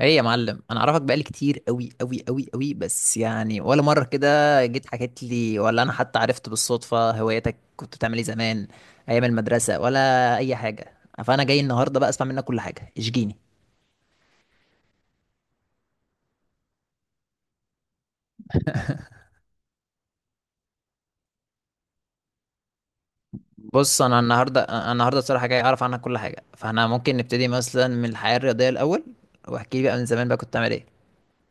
ايه يا معلم، انا اعرفك بقالي كتير قوي قوي قوي قوي، بس يعني ولا مره كده جيت حكيت لي ولا انا حتى عرفت بالصدفه. هواياتك كنت بتعمل ايه زمان ايام المدرسه ولا اي حاجه؟ فانا جاي النهارده بقى اسمع منك كل حاجه، اشجيني. بص، انا النهارده أنا النهارده الصراحه جاي اعرف عنك كل حاجه، فاحنا ممكن نبتدي مثلا من الحياه الرياضيه الاول. واحكي لي بقى من زمان بقى كنت بتعمل ايه،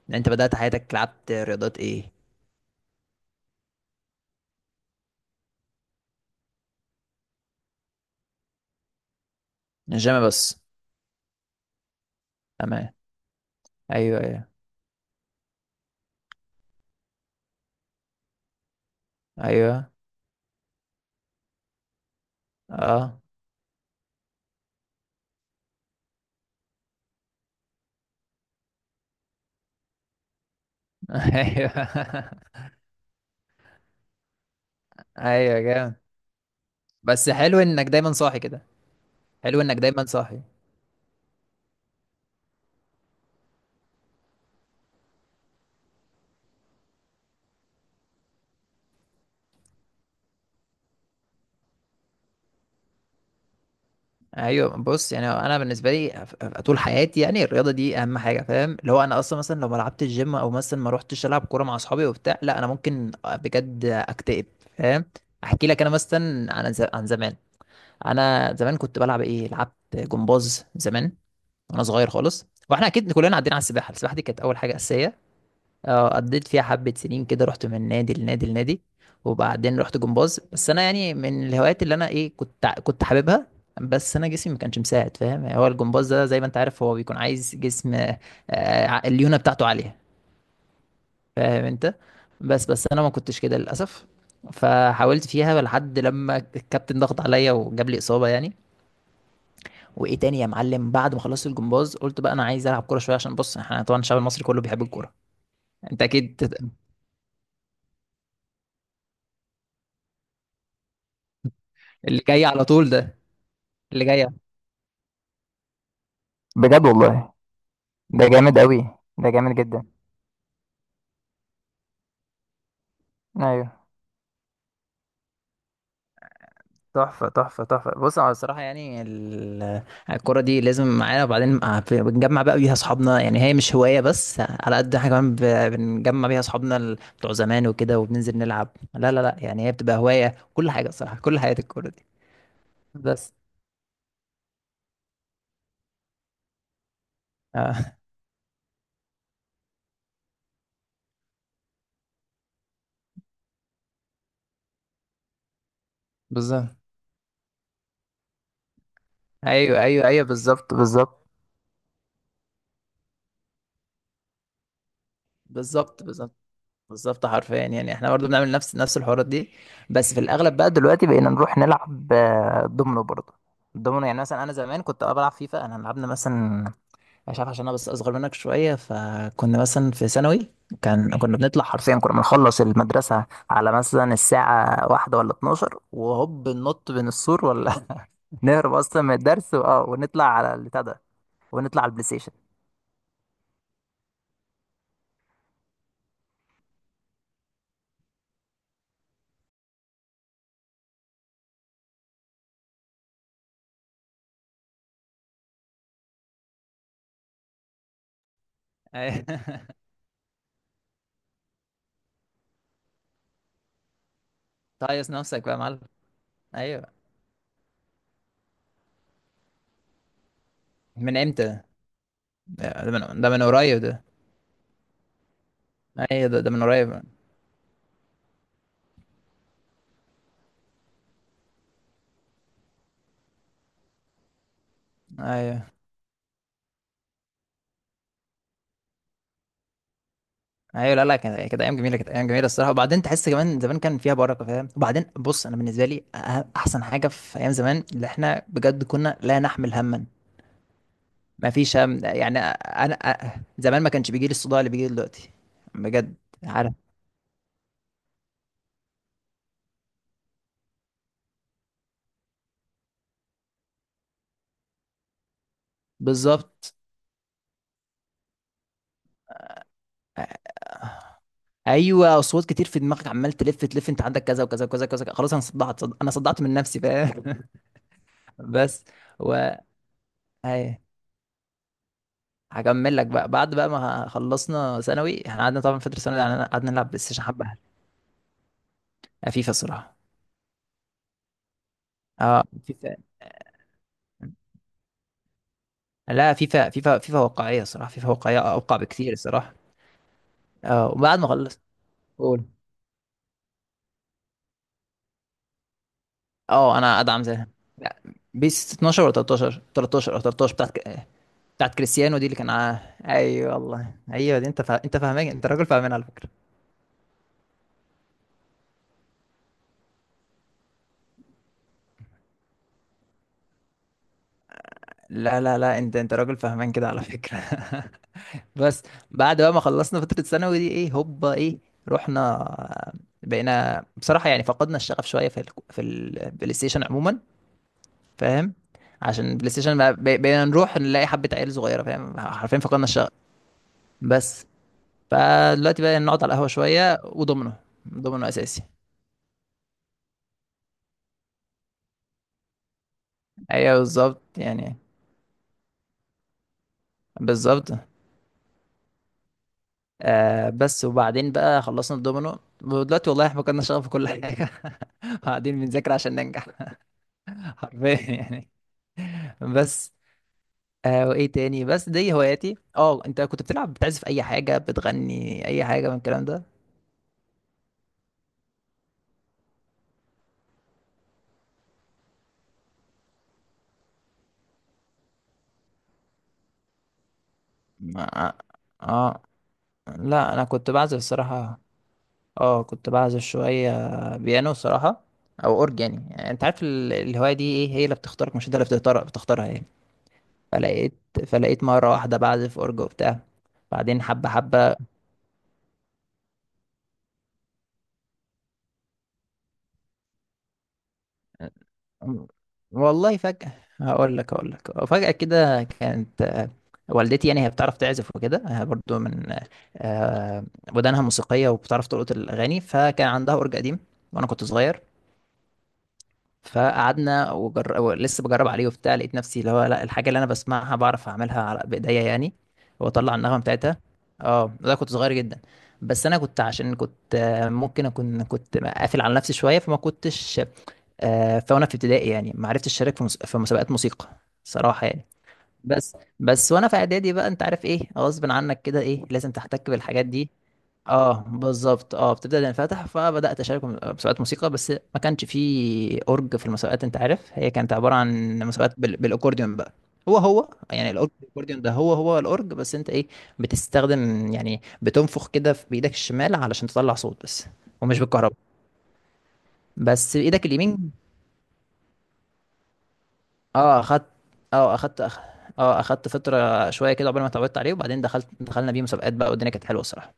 يعني انت بدات حياتك لعبت رياضات ايه؟ الجيم بس؟ تمام. ايوه، ايوه. ايوه. اه. ايوه، ايوه، جامد. بس حلو انك دايما صاحي كده. حلو انك دايما صاحي. ايوه، بص، يعني انا بالنسبه لي طول حياتي يعني الرياضه دي اهم حاجه، فاهم؟ اللي هو انا اصلا مثلا لو ما لعبتش الجيم او مثلا ما روحتش العب كوره مع اصحابي وبتاع، لا انا ممكن بجد اكتئب. فاهم؟ احكي لك انا مثلا عن زمان. انا زمان كنت بلعب ايه، لعبت جمباز زمان وانا صغير خالص. واحنا اكيد كلنا عدينا على السباحه. السباحه دي كانت اول حاجه اساسيه. اه قضيت فيها حبة سنين كده، رحت من نادي لنادي لنادي. وبعدين رحت جمباز، بس انا يعني من الهوايات اللي انا ايه، كنت حاببها، بس انا جسمي ما كانش مساعد. فاهم؟ هو الجمباز ده زي ما انت عارف هو بيكون عايز جسم، الليونة بتاعته عالية. فاهم انت؟ بس انا ما كنتش كده للاسف، فحاولت فيها لحد لما الكابتن ضغط عليا وجاب لي اصابة يعني. وايه تاني يا معلم؟ بعد ما خلصت الجمباز قلت بقى انا عايز العب كورة شوية، عشان بص احنا طبعا الشعب المصري كله بيحب الكورة. انت اكيد. اللي جاي على طول ده. اللي جاي. بجد والله. ده جامد قوي. ده جامد جدا. ايوه، تحفة، تحفة، تحفة. بص، أنا الصراحة يعني الكرة دي لازم معانا، وبعدين بنجمع بقى بيها أصحابنا، يعني هي مش هواية بس، على قد إحنا كمان بنجمع بيها أصحابنا، بتوع زمان وكده، وبننزل نلعب. لا لا لا، يعني هي بتبقى هواية كل حاجة الصراحة، كل حياة الكرة دي. بس. آه. بالظبط، أيوه، أيوه، أيوه، بالظبط، بالظبط، بالظبط، بالظبط، بالظبط حرفيا. يعني احنا برضو بنعمل نفس الحوارات دي. بس في الاغلب بقى دلوقتي بقينا نروح نلعب دومينو برضو. الدومينو، يعني مثلا انا زمان كنت بلعب فيفا. انا لعبنا مثلا، مش عارف، عشان انا بس اصغر منك شويه، فكنا مثلا في ثانوي كنا بنطلع، حرفيا كنا بنخلص المدرسه على مثلا الساعه واحدة ولا 12 وهوب ننط بين السور، ولا نهرب اصلا من الدرس ونطلع على البتاع ده، ونطلع على البلاي ستيشن. أيوة. تهيص نفسك بقى يا معلم. ايوه، من امتى؟ ده من قريب ده. ايوه، ده من قريب. ايوه، ايوه. لا لا، كانت ايام جميله، كانت ايام جميله الصراحه. وبعدين تحس كمان زمان كان فيها بركه، فاهم؟ وبعدين بص انا بالنسبه لي، احسن حاجه في ايام زمان اللي احنا بجد كنا لا نحمل هما. ما فيش هم، يعني انا زمان ما كانش بيجي لي الصداع اللي بيجي لي دلوقتي. بجد. عارف. بالظبط. ايوه، اصوات كتير في دماغك عمال تلف تلف، انت عندك كذا وكذا وكذا وكذا، خلاص انا صدعت من نفسي. فاهم؟ بس و ايوه، هكمل لك بقى. بعد بقى ما خلصنا ثانوي، احنا قعدنا طبعا فتره ثانوي يعني قعدنا نلعب بلاي ستيشن حبه. فيفا الصراحه. اه فيفا. لا، فيفا، فيفا، فيفا واقعيه صراحه، فيفا واقعيه اوقع بكتير الصراحه. اه وبعد ما خلصت. قول. اه انا ادعم زيها. لا بيس 12 ولا 13، 13 او 13 بتاعت بتاعت كريستيانو، دي اللي كان. ايوه والله، ايوه، دي انت انت فاهمان، انت راجل فاهمان على فكره. لا لا لا، انت راجل فاهمان كده على فكره. بس. بعد بقى ما خلصنا فترة ثانوي دي ايه، هوبا ايه، رحنا. بقينا بصراحة يعني فقدنا الشغف شوية في البلاي ستيشن عموما. فاهم؟ عشان البلاي ستيشن بقينا نروح نلاقي حبة عيال صغيرة، فاهم؟ حرفيا فقدنا الشغف. بس فدلوقتي بقى نقعد على القهوة شوية وضمنه. ضمنه أساسي. ايوه بالظبط يعني. بالظبط. بس وبعدين بقى خلصنا الدومينو، ودلوقتي والله احنا فقدنا الشغف في كل حاجة. قاعدين بنذاكر عشان ننجح. حرفيا يعني. بس. وايه تاني؟ بس دي هواياتي. اه انت كنت بتلعب، بتعزف اي حاجة، بتغني اي حاجة من الكلام ده؟ ما- اه لا، انا كنت بعزف الصراحة. اه كنت بعزف شوية بيانو الصراحة، او اورج يعني. يعني انت عارف الهواية دي، ايه هي اللي بتختارك مش انت اللي بتختارها يعني. فلقيت فلقيت مرة واحدة بعزف اورج وبتاع، بعدين حبة حبة. والله فجأة، هقول لك فجأة كده كانت. والدتي يعني هي بتعرف تعزف وكده، برضو من آه، ودانها موسيقية، وبتعرف تلقط الأغاني، فكان عندها أورج قديم وأنا كنت صغير. فقعدنا لسه بجرب عليه وبتاع، لقيت نفسي اللي هو، لا، الحاجة اللي أنا بسمعها بعرف أعملها على بإيديا يعني، وأطلع النغمة بتاعتها. اه ده كنت صغير جدا. بس أنا كنت عشان كنت ممكن أكون كنت قافل على نفسي شوية، فما كنتش. فانا في ابتدائي يعني ما عرفتش اشارك في مسابقات موسيقى صراحه يعني. بس بس وانا في اعدادي بقى، انت عارف ايه غصب عنك كده، ايه لازم تحتك بالحاجات دي. اه بالظبط، اه بتبدا تنفتح، فبدات اشارك في مسابقات موسيقى، بس ما كانش فيه اورج في المسابقات. انت عارف، هي كانت عباره عن مسابقات بالاكورديون بقى. هو هو يعني الاكورديون ده هو هو الاورج، بس انت ايه بتستخدم يعني؟ بتنفخ كده في بايدك الشمال علشان تطلع صوت بس، ومش بالكهرباء، بس بايدك اليمين. اه اخدت. اه اخدت أخ... اه اخدت فترة شوية كده قبل ما اتعودت عليه، وبعدين دخلنا بيه مسابقات بقى، والدنيا كانت حلوة الصراحة.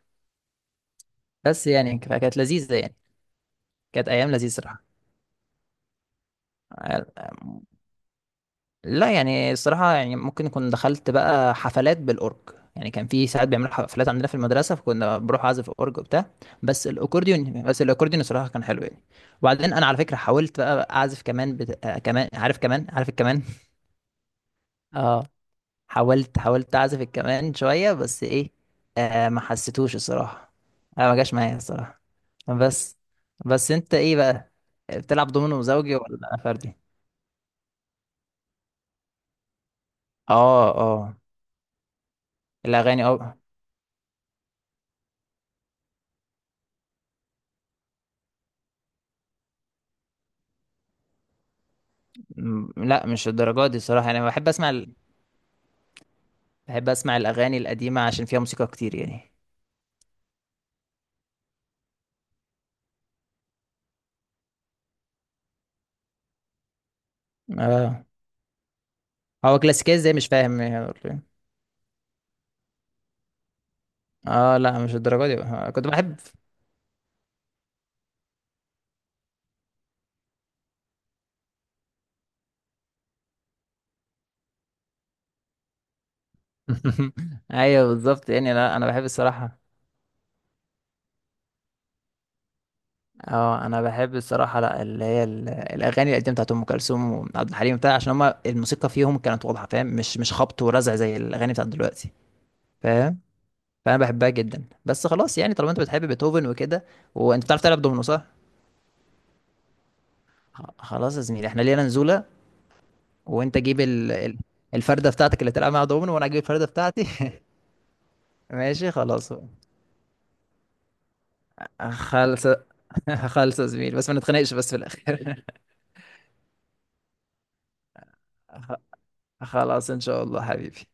بس يعني كانت لذيذة يعني. كانت ايام لذيذة الصراحة. آه، لا يعني الصراحة يعني ممكن كنت دخلت بقى حفلات بالأورج. يعني كان في ساعات بيعملوا حفلات عندنا في المدرسة، فكنا بروح أعزف أورج وبتاع. بس الأكورديون الصراحة كان حلو يعني. وبعدين أنا على فكرة حاولت بقى أعزف كمان بت... آه كمان عارف الكمان. حاولت اعزف الكمان شويه، بس ايه، ما حسيتوش الصراحه، ما جاش معايا الصراحه. بس بس انت ايه بقى، بتلعب دومينو زوجي ولا فردي؟ اه اه، الاغاني، اه. لا مش الدرجات دي صراحه، انا بحب اسمع بحب اسمع الاغاني القديمه عشان فيها موسيقى كتير يعني. اه، هو كلاسيكيه ازاي مش فاهم يعني. اه لا مش الدرجات دي كنت بحب. ايوه بالظبط يعني، لا انا بحب الصراحه. اه انا بحب الصراحه، لا اللي هي الاغاني القديمه بتاعت ام كلثوم وعبد الحليم بتاع، عشان هما الموسيقى فيهم كانت واضحه، فاهم؟ مش خبط ورزع زي الاغاني بتاعت دلوقتي. فاهم؟ فانا بحبها جدا، بس خلاص يعني طالما انت بتحب بيتهوفن وكده، وانت بتعرف تلعب دومينو، صح؟ خلاص يا زميلي احنا لينا نزوله، وانت جيب الفرده بتاعتك اللي تلعب معاها دومينو، وانا اجيب الفرده بتاعتي. ماشي خلاص. خلص. خلص يا زميلي بس ما نتخانقش بس في الاخر. خ- خلاص ان شاء الله حبيبي.